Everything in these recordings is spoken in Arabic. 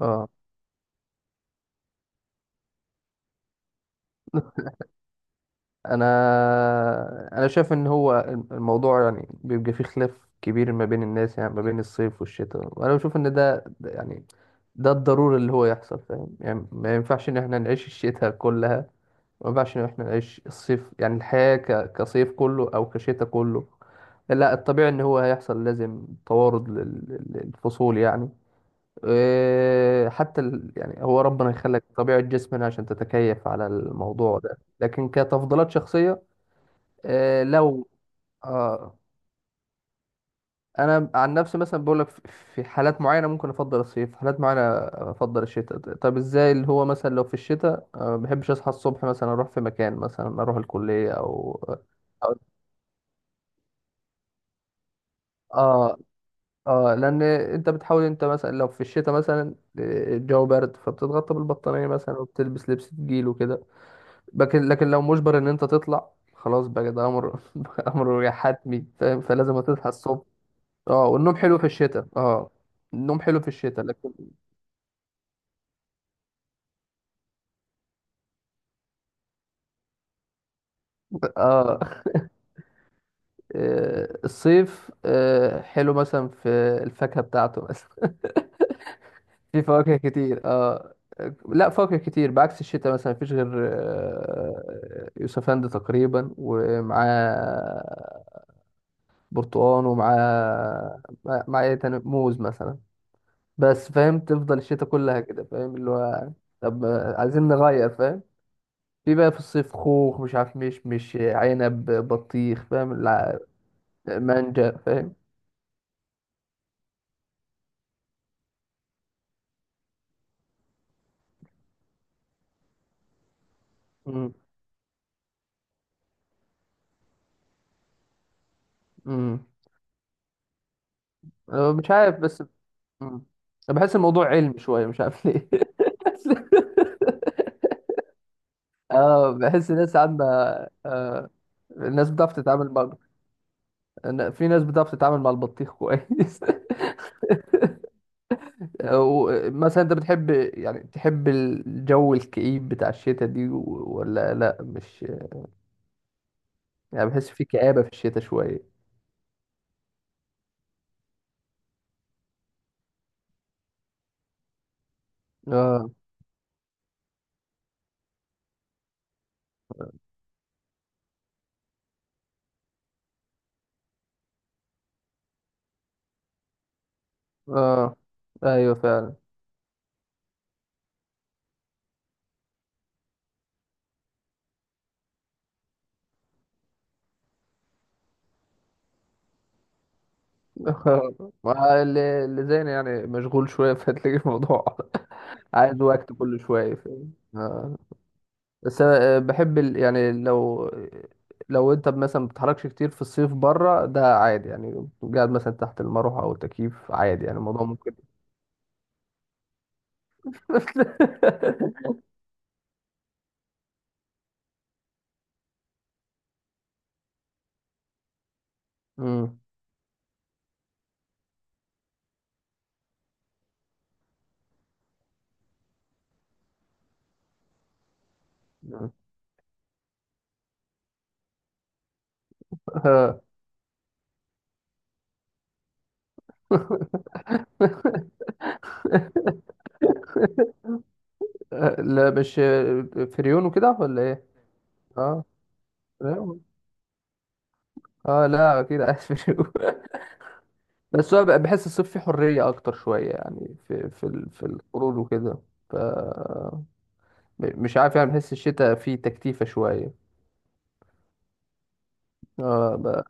اه، انا انا شايف ان هو الموضوع يعني بيبقى فيه خلاف كبير ما بين الناس، يعني ما بين الصيف والشتاء. وانا بشوف ان ده يعني ده الضروري اللي هو يحصل، فاهم؟ يعني ما ينفعش ان احنا نعيش الشتاء كلها، ما ينفعش ان احنا نعيش الصيف. يعني الحياة كصيف كله او كشتاء كله، لا. الطبيعي ان هو هيحصل لازم توارد للفصول يعني. إيه، حتى يعني هو ربنا يخلك طبيعة جسمنا عشان تتكيف على الموضوع ده، لكن كتفضيلات شخصية. آه لو آه انا عن نفسي مثلا بقول لك، في حالات معينه ممكن افضل الصيف، حالات معينه افضل الشتاء. طب ازاي؟ اللي هو مثلا لو في الشتاء ما بحبش اصحى الصبح مثلا اروح في مكان، مثلا اروح الكليه او أو- اه. اه، لان انت بتحاول، انت مثلا لو في الشتاء مثلا الجو بارد فبتتغطى بالبطانيه مثلا وبتلبس لبس تقيل وكده. لكن لو مجبر ان انت تطلع، خلاص بقى ده امر امر حتمي، فاهم؟ فلازم تصحى الصبح. اه، والنوم حلو في الشتاء اه. النوم حلو في الشتاء لكن اه. الصيف حلو مثلا في الفاكهة بتاعته مثلا. في فواكه كتير اه. لا، فواكه كتير بعكس الشتاء، مثلا مفيش غير يوسفند تقريبا، ومعاه برتقان، ومعاه مع ايه تاني، موز مثلا. بس فاهم، تفضل الشتاء كلها كده فاهم اللي هو؟ طب عايزين نغير فاهم. في بقى في الصيف خوخ، مش عارف، مش عنب، بطيخ، فاهم مانجا، فاهم. مم. مم. أنا مش عارف بس. مم. أنا بحس الموضوع علم شوية، مش عارف ليه. اه، بحس الناس عندها آه، الناس بتعرف تتعامل مع في ناس بتعرف تتعامل مع البطيخ كويس. أو مثلا انت بتحب، يعني تحب الجو الكئيب بتاع الشتاء دي ولا لا؟ مش يعني، بحس في كآبة في الشتاء شوية. اه. اه. ايوه فعلا. ما اللي زينا يعني مشغول شوية، فهتلاقي الموضوع عايز وقت كل شوية، فاهم آه. بس أنا بحب يعني لو، لو انت مثلا ما بتتحركش كتير في الصيف بره، ده عادي يعني. قاعد مثلا تحت المروحة او التكييف، عادي يعني، الموضوع ممكن. مم. آه. آه. لا مش فريون وكده ولا ايه؟ اه فريون. اه، لا اكيد عايز فريون. بس بحس الصيف فيه حرية أكتر شوية يعني، في في في الخروج وكده. ف، مش عارف يعني، بحس الشتاء فيه تكتيفة شوية. اه بقى.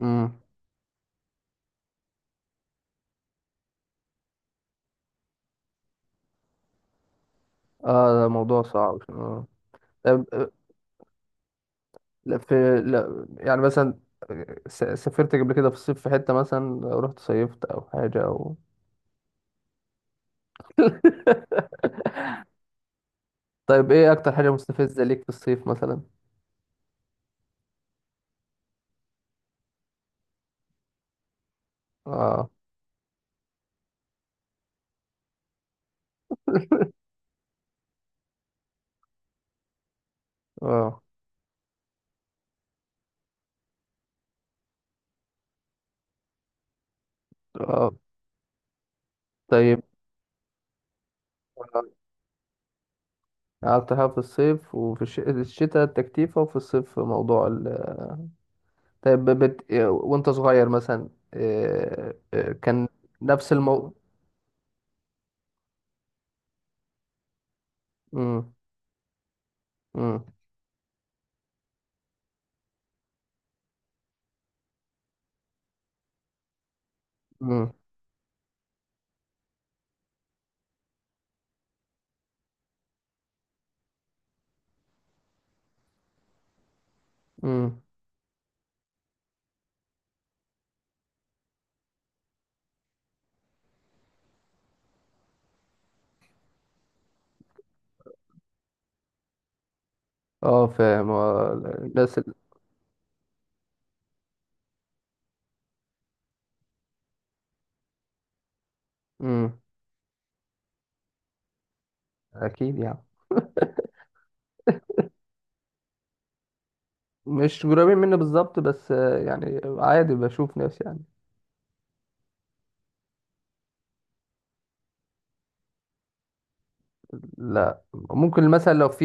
امم. اه ده موضوع صعب اه. طب، لا في، لا يعني مثلا سافرت قبل كده في الصيف في حتة، مثلا رحت صيفت أو حاجة أو طيب، إيه أكتر حاجة مستفزة ليك في الصيف مثلا؟ اه. اه. اه طيب آه. قعدت حاجة في الصيف وفي الشتاء التكتيفة، وفي الصيف موضوع طيب وانت صغير مثلا كان نفس الموضوع. امم. امم. امم. امم. اه فاهم آه، الناس امم. اكيد يعني. مش قريبين مني بالظبط، بس يعني عادي بشوف ناس يعني. لا ممكن، مثلا لو في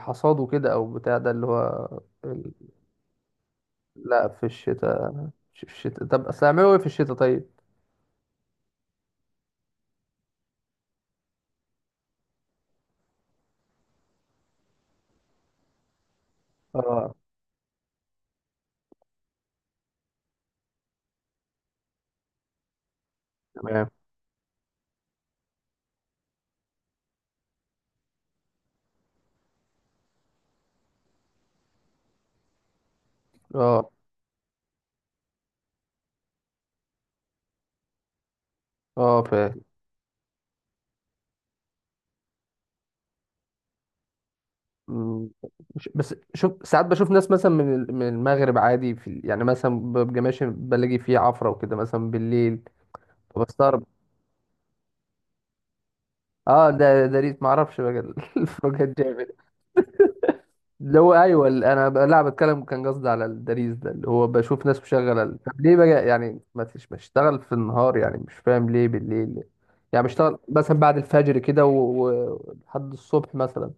حصاد وكده او بتاع ده اللي هو ال- لا في الشتاء، في الشتاء طب اصل اعملوا ايه في الشتاء طيب؟ اه. تمام. اه. اه فاهم. مم. بس شوف، ساعات بشوف ناس مثلا من من المغرب عادي في يعني مثلا ببقى ماشي، بلاقي فيه عفرة وكده مثلا بالليل، بستغرب. اه ده ده ريت معرفش بقى الفروقات جامد. اللي هو، ايوه لا بتكلم، كان قصدي على الدريس ده، اللي هو بشوف ناس مشغله طب ليه بقى يعني ما تش بشتغل في النهار يعني، مش فاهم ليه بالليل. يعني بشتغل مثلا بعد الفجر كده ولحد الصبح مثلا.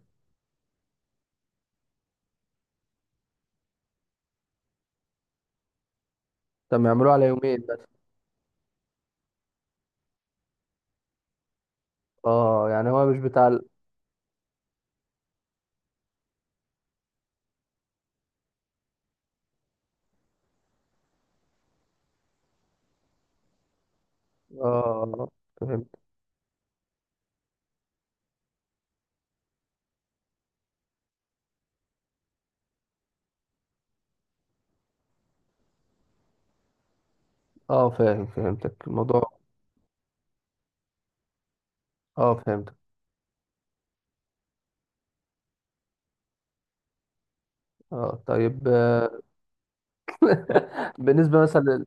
طب ما يعملوه على يومين بس؟ اه يعني هو مش بتاع. اه فهمت. اه فاهم، فهمتك الموضوع. اه فهمتك. اه طيب آه. بالنسبة مثلا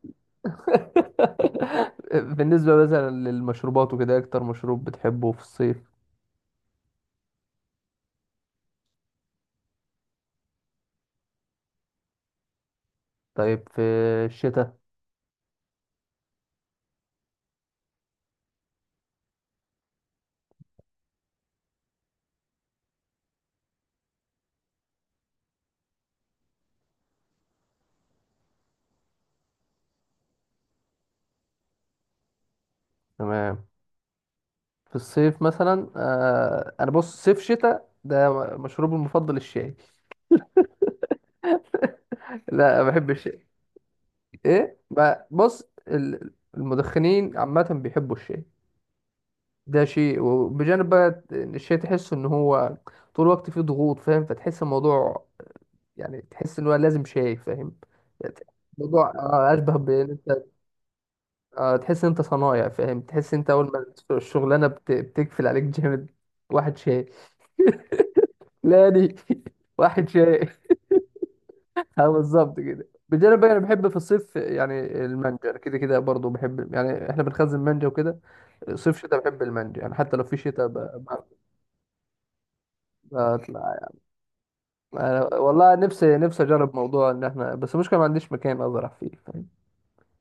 بالنسبة مثلا للمشروبات وكده، إيه أكتر مشروب بتحبه في الصيف؟ طيب في الشتاء؟ تمام. في الصيف مثلا آه، أنا بص صيف شتاء ده مشروبي المفضل الشاي. لا بحب الشاي. إيه بص، المدخنين عامة بيحبوا الشاي. ده شيء، وبجانب بقى الشيء تحس ان هو طول الوقت فيه ضغوط فاهم، فتحس الموضوع يعني، تحس ان هو لازم شاي فاهم. يعني الموضوع اشبه بان انت تحس ان انت صنايع، فاهم؟ تحس انت اول ما الشغلانه بتقفل عليك جامد، واحد شاي. لا دي واحد شاي. اه بالظبط كده. بجانب بقى انا بحب في الصيف يعني المانجا، أنا كده كده برضه بحب، يعني احنا بنخزن مانجا وكده. صيف شتاء بحب المانجا، يعني حتى لو في شتاء بطلع. أنا والله نفسي، نفسي اجرب موضوع ان احنا، بس المشكله ما عنديش مكان ازرع فيه، فاهم؟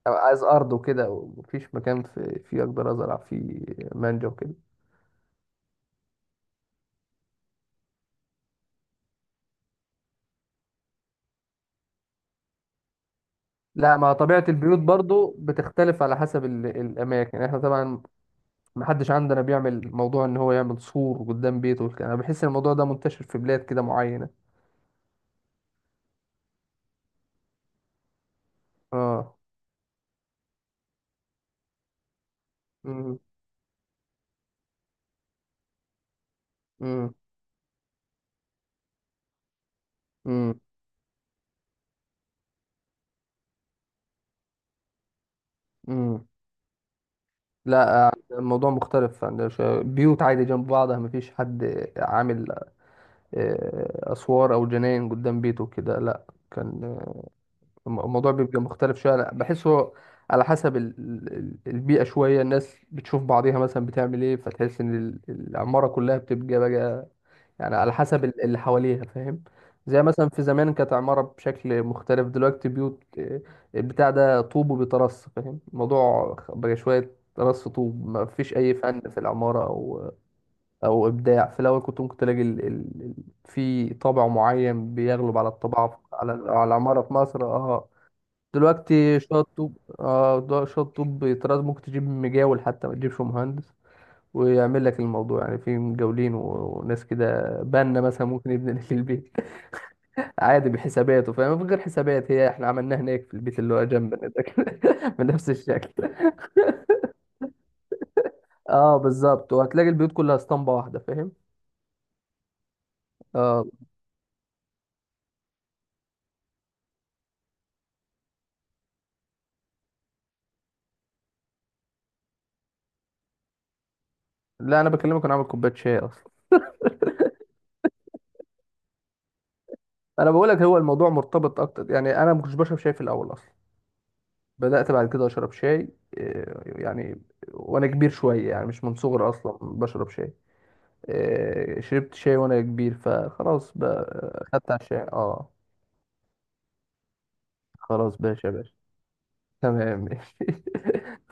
أبقى عايز ارض وكده، ومفيش مكان في فيه اقدر ازرع فيه مانجا وكده. لا، مع طبيعه البيوت برضو بتختلف على حسب الاماكن، احنا طبعا ما حدش عندنا بيعمل موضوع ان هو يعمل سور قدام بيته والكلام. انا بحس ان الموضوع ده منتشر في بلاد كده معينه. اه. امم. امم. امم. امم. لا الموضوع مختلف عندنا شوية. بيوت عادي جنب بعضها، مفيش حد عامل اسوار او جناين قدام بيته كده، لا. كان الموضوع بيبقى مختلف شويه. لا بحسه على حسب البيئه شويه، الناس بتشوف بعضيها مثلا بتعمل ايه، فتحس ان العماره كلها بتبقى بقى يعني على حسب اللي حواليها، فاهم؟ زي مثلا في زمان كانت عماره بشكل مختلف، دلوقتي بيوت البتاع ده طوب وبيترص، فاهم الموضوع بقى شويه رص طوب، ما فيش اي فن في العماره او او ابداع. في الاول كنت ممكن تلاقي في طابع معين بيغلب على الطباعه على على العماره في مصر اه. دلوقتي شويه طوب اه، شويه طوب بيطرد، ممكن تجيب مجاول حتى ما تجيبش مهندس ويعمل لك الموضوع، يعني في مجاولين وناس كده بنا مثلا ممكن يبني لك البيت عادي بحساباته فاهم، من غير حسابات، هي احنا عملناها هناك في البيت اللي هو جنبنا ده كده بنفس الشكل. اه بالظبط، وهتلاقي البيوت كلها اسطمبه واحده فاهم. اه. لا انا بكلمك، انا عامل كوبايه شاي اصلا. انا بقول لك هو الموضوع مرتبط اكتر، يعني انا ما كنتش بشرب شاي في الاول اصلا. بدات بعد كده اشرب شاي يعني وانا كبير شويه يعني، مش من صغري اصلا بشرب شاي. شربت شاي وانا كبير، فخلاص بقى خدت على الشاي اه. خلاص باشا باشا. تمام ماشي